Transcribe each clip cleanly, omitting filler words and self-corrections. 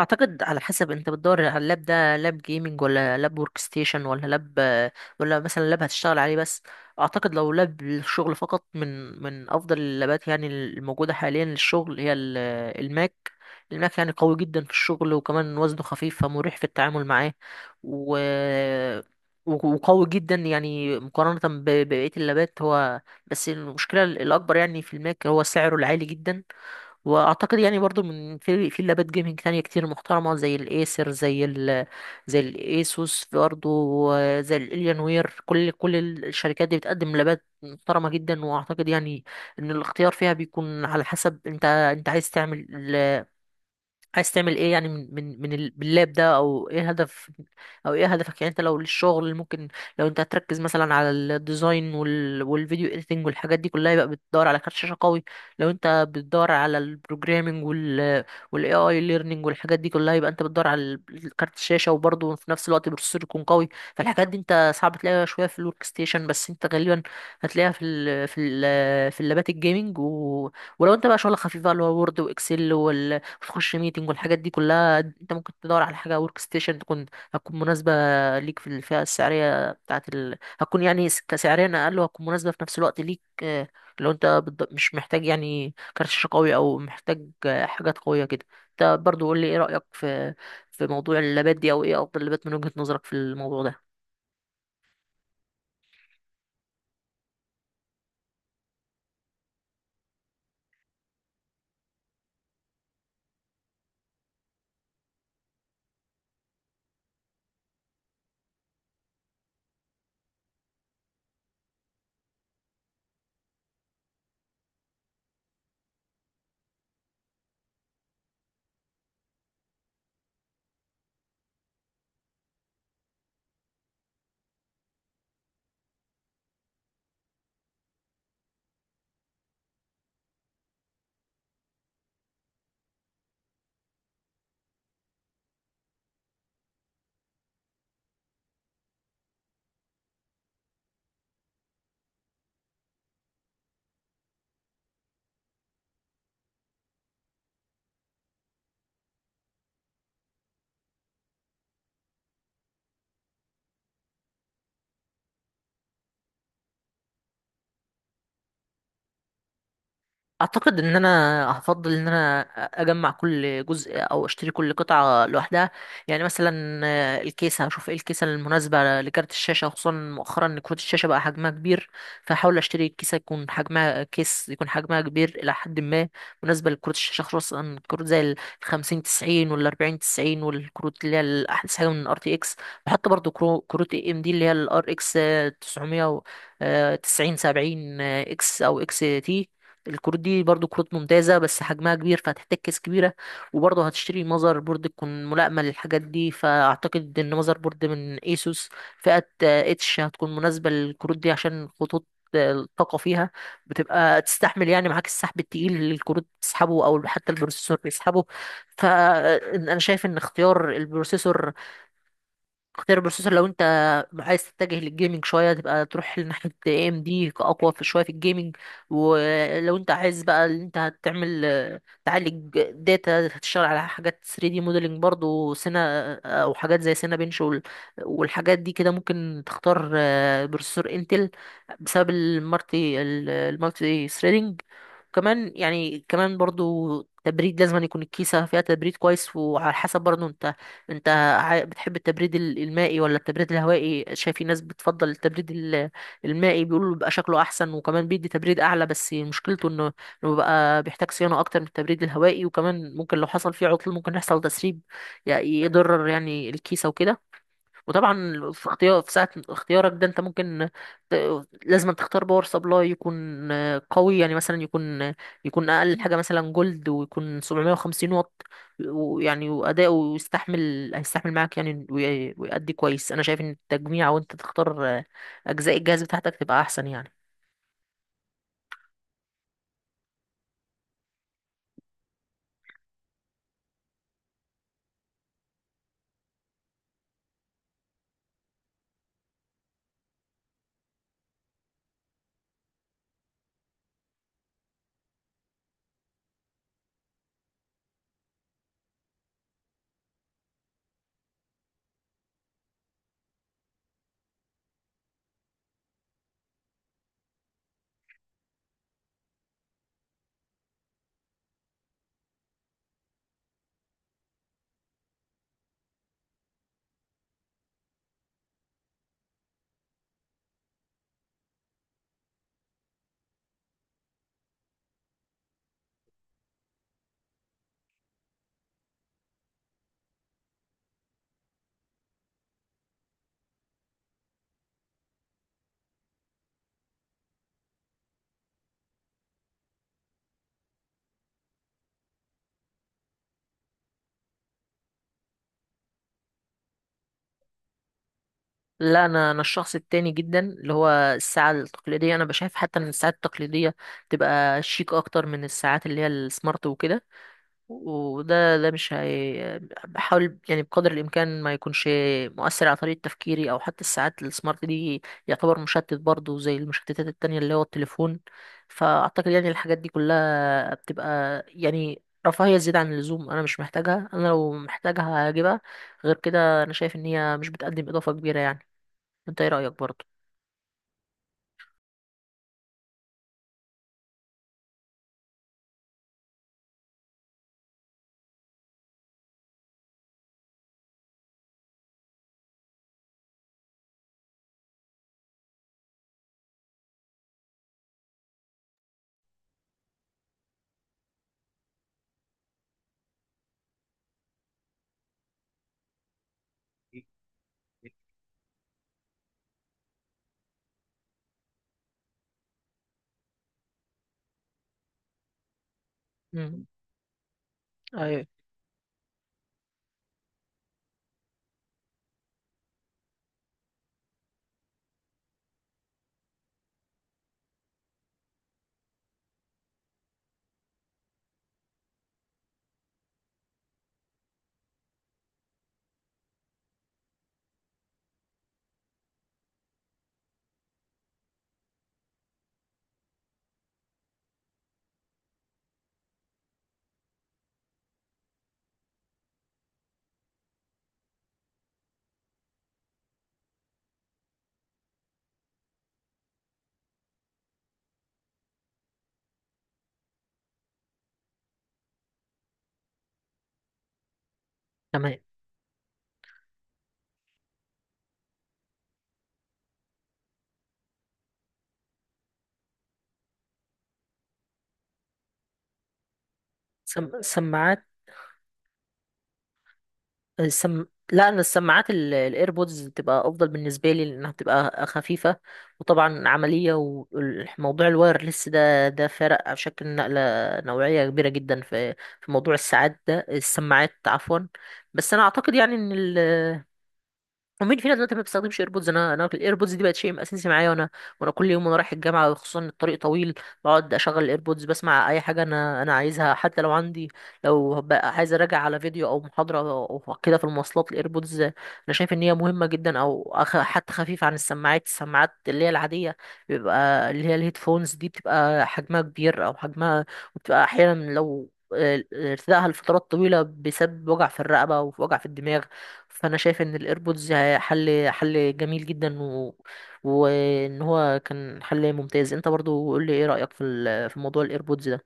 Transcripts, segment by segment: اعتقد على حسب انت بتدور على اللاب، ده لاب جيمنج ولا لاب ورك ستيشن، ولا لاب، ولا مثلا لاب هتشتغل عليه بس. اعتقد لو لاب للشغل فقط، من افضل اللابات يعني الموجوده حاليا للشغل هي ال- الماك الماك. يعني قوي جدا في الشغل، وكمان وزنه خفيف فمريح في التعامل معاه، و وقوي جدا يعني مقارنة ببقية اللابات هو. بس المشكلة الأكبر يعني في الماك هو سعره العالي جدا. واعتقد يعني برضو من في في لابات جيمنج تانية كتير محترمه، زي الايسر، زي الايسوس برضو، زي الاليان وير. كل الشركات دي بتقدم لابات محترمه جدا. واعتقد يعني ان الاختيار فيها بيكون على حسب انت عايز تعمل عايز تعمل ايه يعني من اللاب ده، او ايه هدفك. يعني انت لو للشغل ممكن، لو انت هتركز مثلا على الديزاين والفيديو اديتنج والحاجات دي كلها، يبقى بتدور على كارت شاشة قوي. لو انت بتدور على البروجرامينج والاي اي ليرنينج والحاجات دي كلها، يبقى انت بتدور على كارت الشاشة، وبرضه في نفس الوقت بروسيسور يكون قوي. فالحاجات دي انت صعب تلاقيها شوية في الورك ستيشن، بس انت غالبا هتلاقيها في اللابات الجيمنج. ولو انت بقى شغل خفيف بقى اللي هو وورد واكسل وتخش ميتنج والحاجات دي كلها، انت ممكن تدور على حاجه ورك ستيشن تكون، هتكون مناسبه ليك في الفئه السعريه هتكون يعني كسعريا اقل، وهتكون مناسبه في نفس الوقت ليك. لو انت مش محتاج يعني كارت شاشه قوي، او محتاج حاجات قويه كده. انت برضو قول لي، ايه رايك في في موضوع اللابات دي، او ايه افضل لابات من وجهه نظرك في الموضوع ده؟ اعتقد ان انا هفضل ان انا اجمع كل جزء او اشتري كل قطعه لوحدها. يعني مثلا الكيسه هشوف ايه الكيسه المناسبه لكارت الشاشه، خصوصا مؤخرا ان كروت الشاشه بقى حجمها كبير. فهحاول اشتري كيسه يكون حجمها، كبير الى حد ما، مناسبه لكروت الشاشه، خصوصا كروت زي ال 50 90 وال 40 90، والكروت اللي هي الاحدث حاجه من ار تي اكس. بحط برضو كروت اي ام دي اللي هي الار اكس 900 90 70 اكس او اكس تي. الكروت دي برضو كروت ممتازة، بس حجمها كبير فهتحتاج كيس كبيرة. وبرضو هتشتري ماذر بورد تكون ملائمة للحاجات دي. فأعتقد إن ماذر بورد من ايسوس فئة اتش هتكون مناسبة للكروت دي، عشان خطوط الطاقة فيها بتبقى تستحمل يعني معاك السحب التقيل اللي الكروت بتسحبه، أو حتى البروسيسور بيسحبه. فأنا شايف إن اختيار البروسيسور، اختيار البروسيسور لو انت عايز تتجه للجيمنج شويه، تبقى تروح لناحيه اي ام دي، اقوى في شويه في الجيمنج. ولو انت عايز بقى اللي انت هتعمل تعالج داتا، هتشتغل على حاجات 3 دي موديلنج برضو سينا، او حاجات زي سينا بنش والحاجات دي كده، ممكن تختار بروسيسور انتل بسبب المالتي ثريدنج. كمان يعني كمان برضو تبريد، لازم أن يكون الكيسة فيها تبريد كويس. وعلى حسب برضو انت، انت، بتحب التبريد المائي ولا التبريد الهوائي؟ شايف في ناس بتفضل التبريد المائي، بيقولوا بيبقى شكله احسن، وكمان بيدي تبريد اعلى، بس مشكلته انه، انه بيبقى بيحتاج صيانه اكتر من التبريد الهوائي. وكمان ممكن لو حصل فيه عطل ممكن يحصل تسريب يعني يضرر يعني الكيسه وكده. وطبعا في اختيار، في ساعة اختيارك ده انت ممكن ت... لازم تختار باور سبلاي يكون قوي، يعني مثلا يكون، يكون اقل حاجة مثلا جولد، ويكون 750 واط، ويعني واداؤه يستحمل، هيستحمل معاك يعني، ويأدي كويس. انا شايف ان التجميع وانت تختار اجزاء الجهاز بتاعتك تبقى احسن يعني. لا، انا الشخص التاني جدا، اللي هو الساعه التقليديه. انا بشايف حتى ان الساعات التقليديه تبقى شيك اكتر من الساعات اللي هي السمارت وكده. وده مش هي. بحاول يعني بقدر الامكان ما يكونش مؤثر على طريقه تفكيري، او حتى الساعات السمارت دي يعتبر مشتت برضه، زي المشتتات التانية اللي هو التليفون. فاعتقد يعني الحاجات دي كلها بتبقى يعني رفاهية زيادة عن اللزوم، انا مش محتاجها. انا لو محتاجها هجيبها، غير كده انا شايف ان هي مش بتقدم اضافة كبيرة يعني. انت ايه رأيك برضه؟ امم. ايوه. تمام. سماعات. السم... لا، انا السماعات الايربودز بتبقى افضل بالنسبه لي، لانها بتبقى خفيفه، وطبعا عمليه. وموضوع الوايرلس ده، ده فرق على شكل نقله نوعيه كبيره جدا في في موضوع الساعات ده، السماعات عفوا. بس انا اعتقد يعني ومين فينا دلوقتي ما بيستخدمش ايربودز؟ انا الايربودز دي بقت شيء اساسي معايا. وانا، وانا كل يوم وانا رايح الجامعه، خصوصا إن الطريق طويل، بقعد اشغل الايربودز بسمع اي حاجه انا عايزها. حتى لو عندي، لو بقى عايز اراجع على فيديو او محاضره او كده في المواصلات، الايربودز انا شايف ان هي مهمه جدا. او حتى خفيف عن السماعات، السماعات اللي هي العاديه بيبقى اللي هي الهيدفونز دي، بتبقى حجمها كبير او حجمها. وبتبقى احيانا لو ارتدائها لفترات طويله بيسبب وجع في الرقبه ووجع في الدماغ. فانا شايف ان الايربودز حل جميل جدا. وان هو كان حل ممتاز. انت برضو قول لي ايه رأيك في في موضوع الايربودز ده؟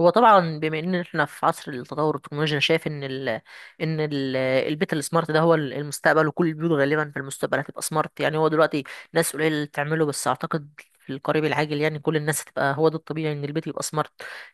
هو طبعا بما ان احنا في عصر التطور التكنولوجي، انا شايف ان ال ان ال البيت السمارت ده هو المستقبل. وكل البيوت غالبا في المستقبل هتبقى سمارت. يعني هو دلوقتي ناس قليله اللي بتعمله، بس اعتقد في القريب العاجل يعني كل الناس هتبقى، هو ده الطبيعي ان البيت يبقى سمارت.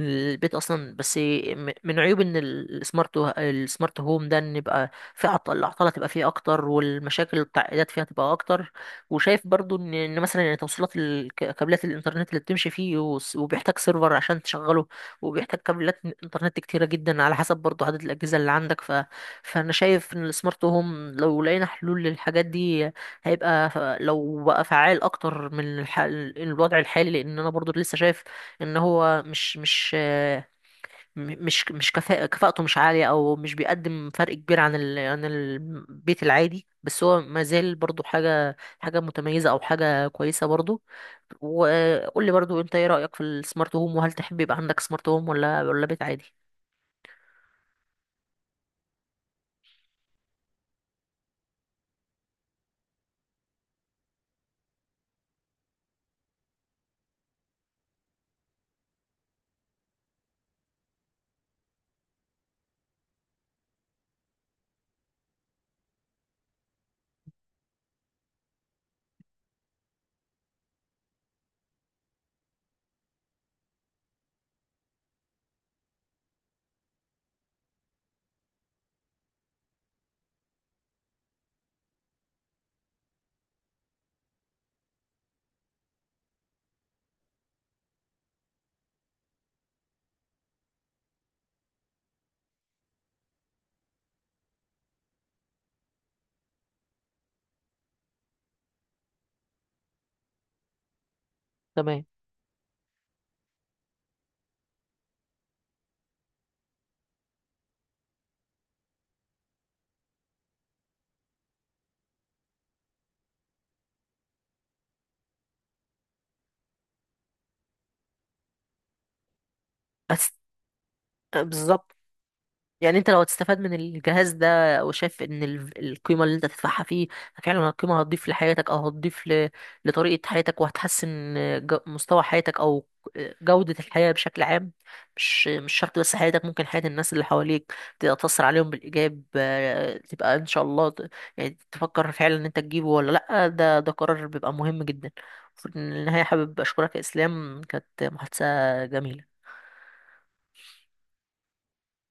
البيت اصلا، بس من عيوب ان السمارت هوم ده، ان يبقى في عطل، الاعطال هتبقى فيه اكتر، والمشاكل والتعقيدات فيها تبقى اكتر. وشايف برضو ان إن مثلا يعني توصيلات كابلات الانترنت اللي بتمشي فيه، وبيحتاج سيرفر عشان تشغله، وبيحتاج كابلات انترنت كتيرة جدا على حسب برضو عدد الأجهزة اللي عندك. فأنا شايف إن السمارت هوم لو لقينا حلول للحاجات دي هيبقى، لو بقى فعال أكتر من الوضع الحالي. لأن أنا برضو لسه شايف إن هو مش مش م- مش مش كفاءة كفاءته مش عالية، أو مش بيقدم فرق كبير عن البيت العادي. بس هو ما زال برضو حاجة متميزة أو حاجة كويسة برضو. وقول لي برضو أنت إيه رأيك في السمارت هوم؟ وهل تحب يبقى عندك سمارت هوم ولا بيت عادي؟ تمام. بس، بالظبط. يعني انت لو هتستفاد من الجهاز ده، وشايف ان القيمه اللي انت تدفعها فيه فعلا القيمه هتضيف لحياتك، او هتضيف لطريقه حياتك، وهتحسن مستوى حياتك او جوده الحياه بشكل عام. مش مش شرط بس حياتك، ممكن حياه الناس اللي حواليك تبقى تاثر عليهم بالايجاب. تبقى ان شاء الله يعني تفكر فعلا ان انت تجيبه ولا لا. ده قرار بيبقى مهم جدا. في النهايه حابب اشكرك يا اسلام، كانت محادثه جميله.